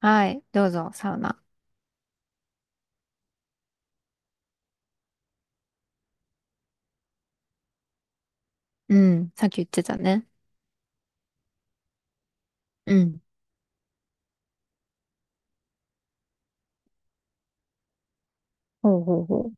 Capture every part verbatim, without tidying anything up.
はい。どうぞ、サウナ。うん。さっき言ってたね。うん。ほうほうほ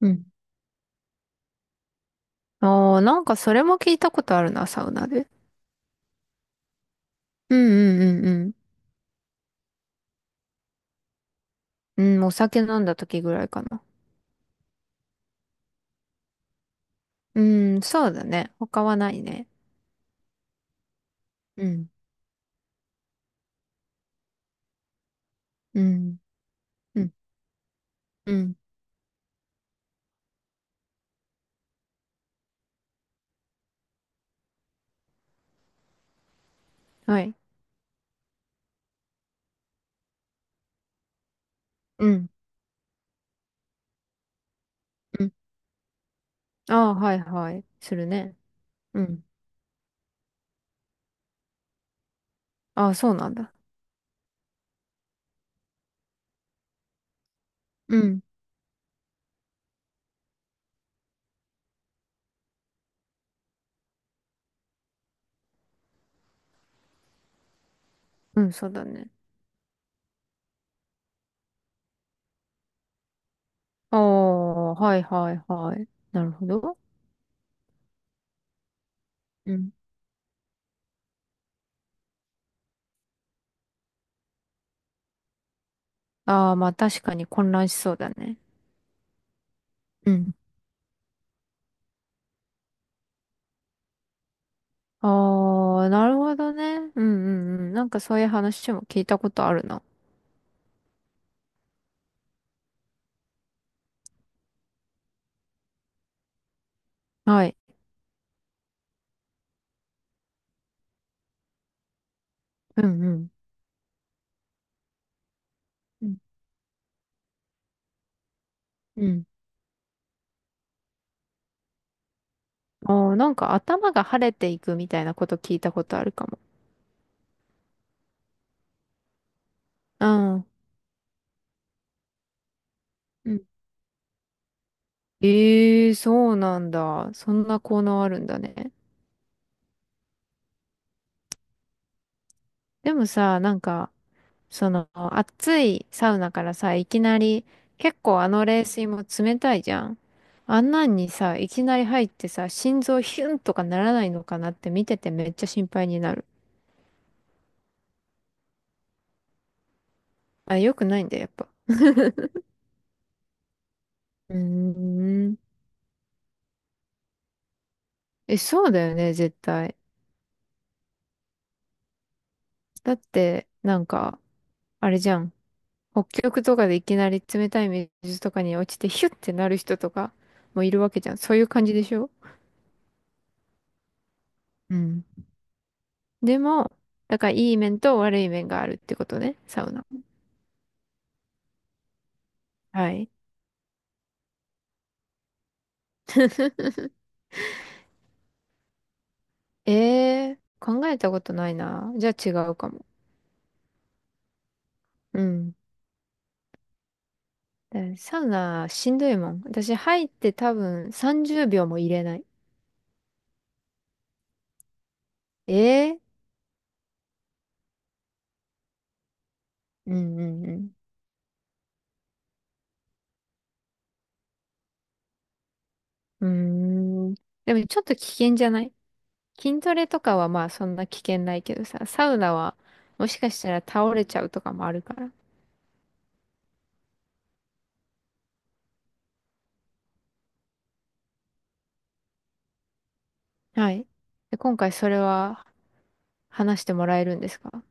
う。うん。ああ、なんかそれも聞いたことあるな、サウナで。うんうんうんうん。うん、お酒飲んだ時ぐらいかな。うん、そうだね。他はないね。うん、うん、うん、うん。はい。うん、うん。ああ、はいはい。するね。うん。ああ、そうなんだ。うん、うん、そうだね。ああ、はいはいはい。なるほど。うん。ああ、まあ確かに混乱しそうだね。うん。ああ、なるほどね。うんうんうん。なんかそういう話も聞いたことあるな。はい。うんうん。うんうん。ああ、なんか頭が晴れていくみたいなこと聞いたことあるかも。うん。ええー、そうなんだ。そんな効能あるんだね。でもさ、なんか、その、暑いサウナからさ、いきなり、結構あの冷水も冷たいじゃん。あんなんにさ、いきなり入ってさ、心臓ヒュンとかならないのかなって見ててめっちゃ心配になる。あ、良くないんだよ、やっぱ。うーん。え、そうだよね、絶対。だって、なんか、あれじゃん。北極とかでいきなり冷たい水とかに落ちてヒュッてなる人とかもいるわけじゃん。そういう感じでしょ？うん。でも、だからいい面と悪い面があるってことね、サウナ。はい。えー、考えたことないな。じゃあ違うかも。うん。でサウナしんどいもん。私入って多分さんじゅうびょうも入れない。えー。うんうんうん。うーん。でもちょっと危険じゃない？筋トレとかはまあそんな危険ないけどさ、サウナはもしかしたら倒れちゃうとかもあるから。はい。で、今回それは話してもらえるんですか？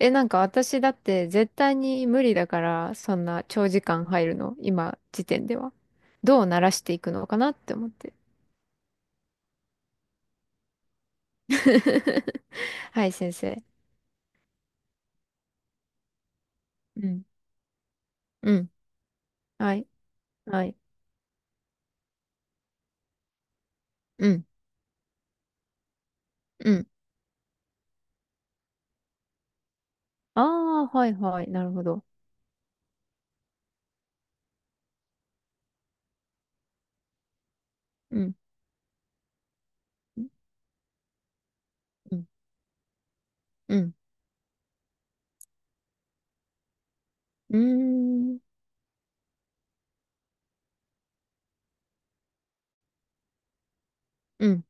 え、なんか私だって絶対に無理だから、そんな長時間入るの、今時点では。どう慣らしていくのかなって思って。はい、先生。うん。うん。はい。はい。うん。うん。ああ、はいはい。なるほど。うん。うん。うん。うーん。うん。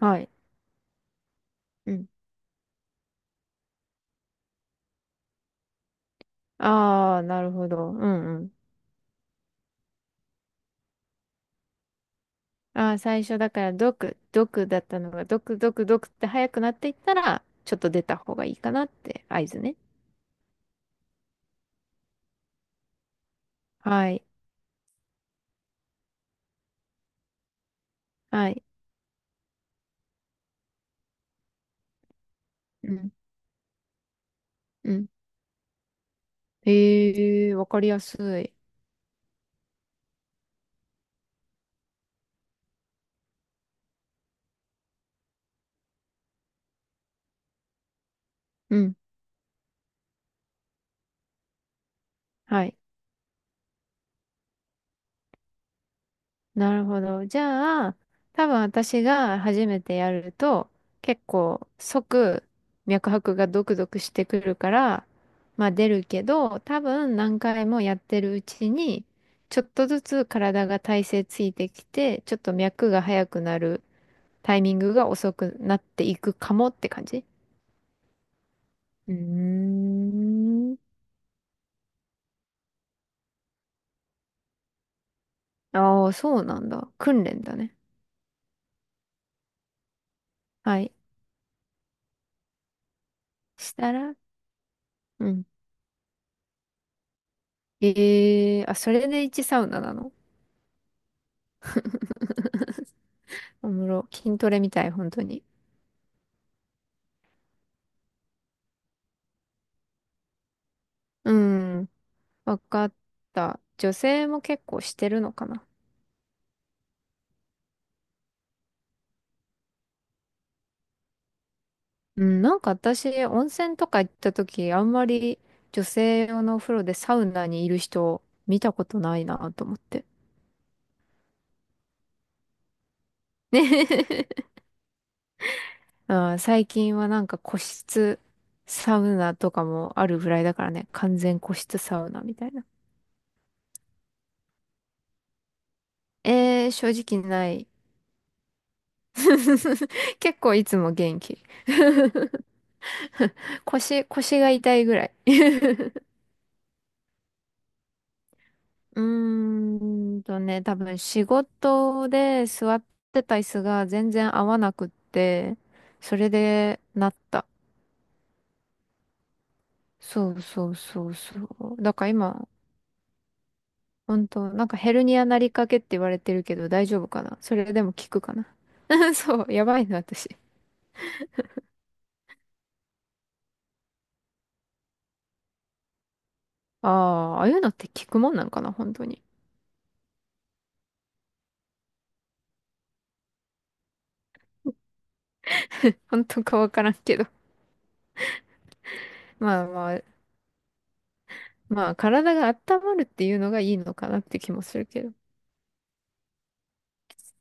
はい。うん。ああ、なるほど。うんうん。ああ、最初だから、毒、毒だったのが、毒、毒、毒って早くなっていったら、ちょっと出た方がいいかなって合図ね。はい。はい。うん。うん。へえ、わかりやすい。うん。はい。なるほど。じゃあ、多分私が初めてやると、結構即脈拍がドクドクしてくるから、まあ出るけど、多分何回もやってるうちに、ちょっとずつ体が体勢ついてきて、ちょっと脈が速くなるタイミングが遅くなっていくかもって感じ。うーん。ああ、そうなんだ。訓練だね。はい。したら、うん。ええーあ、それでいちサウナサウナなの？おもろ。筋トレみたい、本当に。うん。わかった。女性も結構してるのかな。うん、なんか私、温泉とか行った時、あんまり女性用のお風呂でサウナにいる人見たことないなと思って。ね。 あー、最近はなんか個室サウナとかもあるぐらいだからね、完全個室サウナみたいな。えー、正直ない。結構いつも元気。腰、腰が痛いぐらい。うーんとね、多分仕事で座ってた椅子が全然合わなくって、それでなった。そうそうそうそう。だから今、本当なんかヘルニアなりかけって言われてるけど大丈夫かな？それでも効くかな？ そう、やばいな、私。ああ、ああいうのって効くもんなんかな本当に。本当かわからんけど。まあまあ、まあ体が温まるっていうのがいいのかなって気もするけど。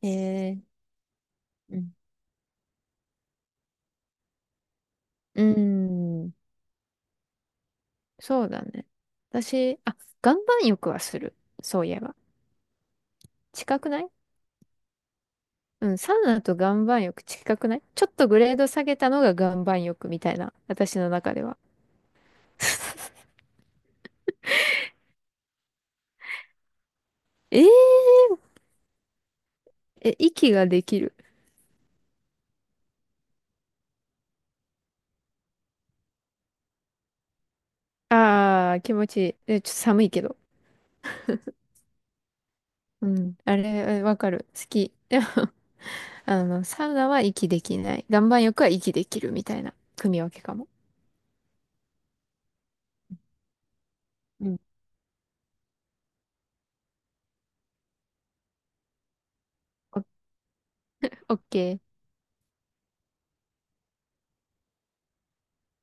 えー、うん。うーん。そうだね。私、あ、岩盤浴はする。そういえば。近くない？うん、サウナと岩盤浴近くない？ちょっとグレード下げたのが岩盤浴みたいな、私の中では。えー、え、息ができる。あー、気持ちいい。え、ちょっと寒いけど。うん、あれ、え、わかる。好き。でも、あの、サウナは息できない。岩盤浴は息できるみたいな組み分けかも。うん。オオッケー。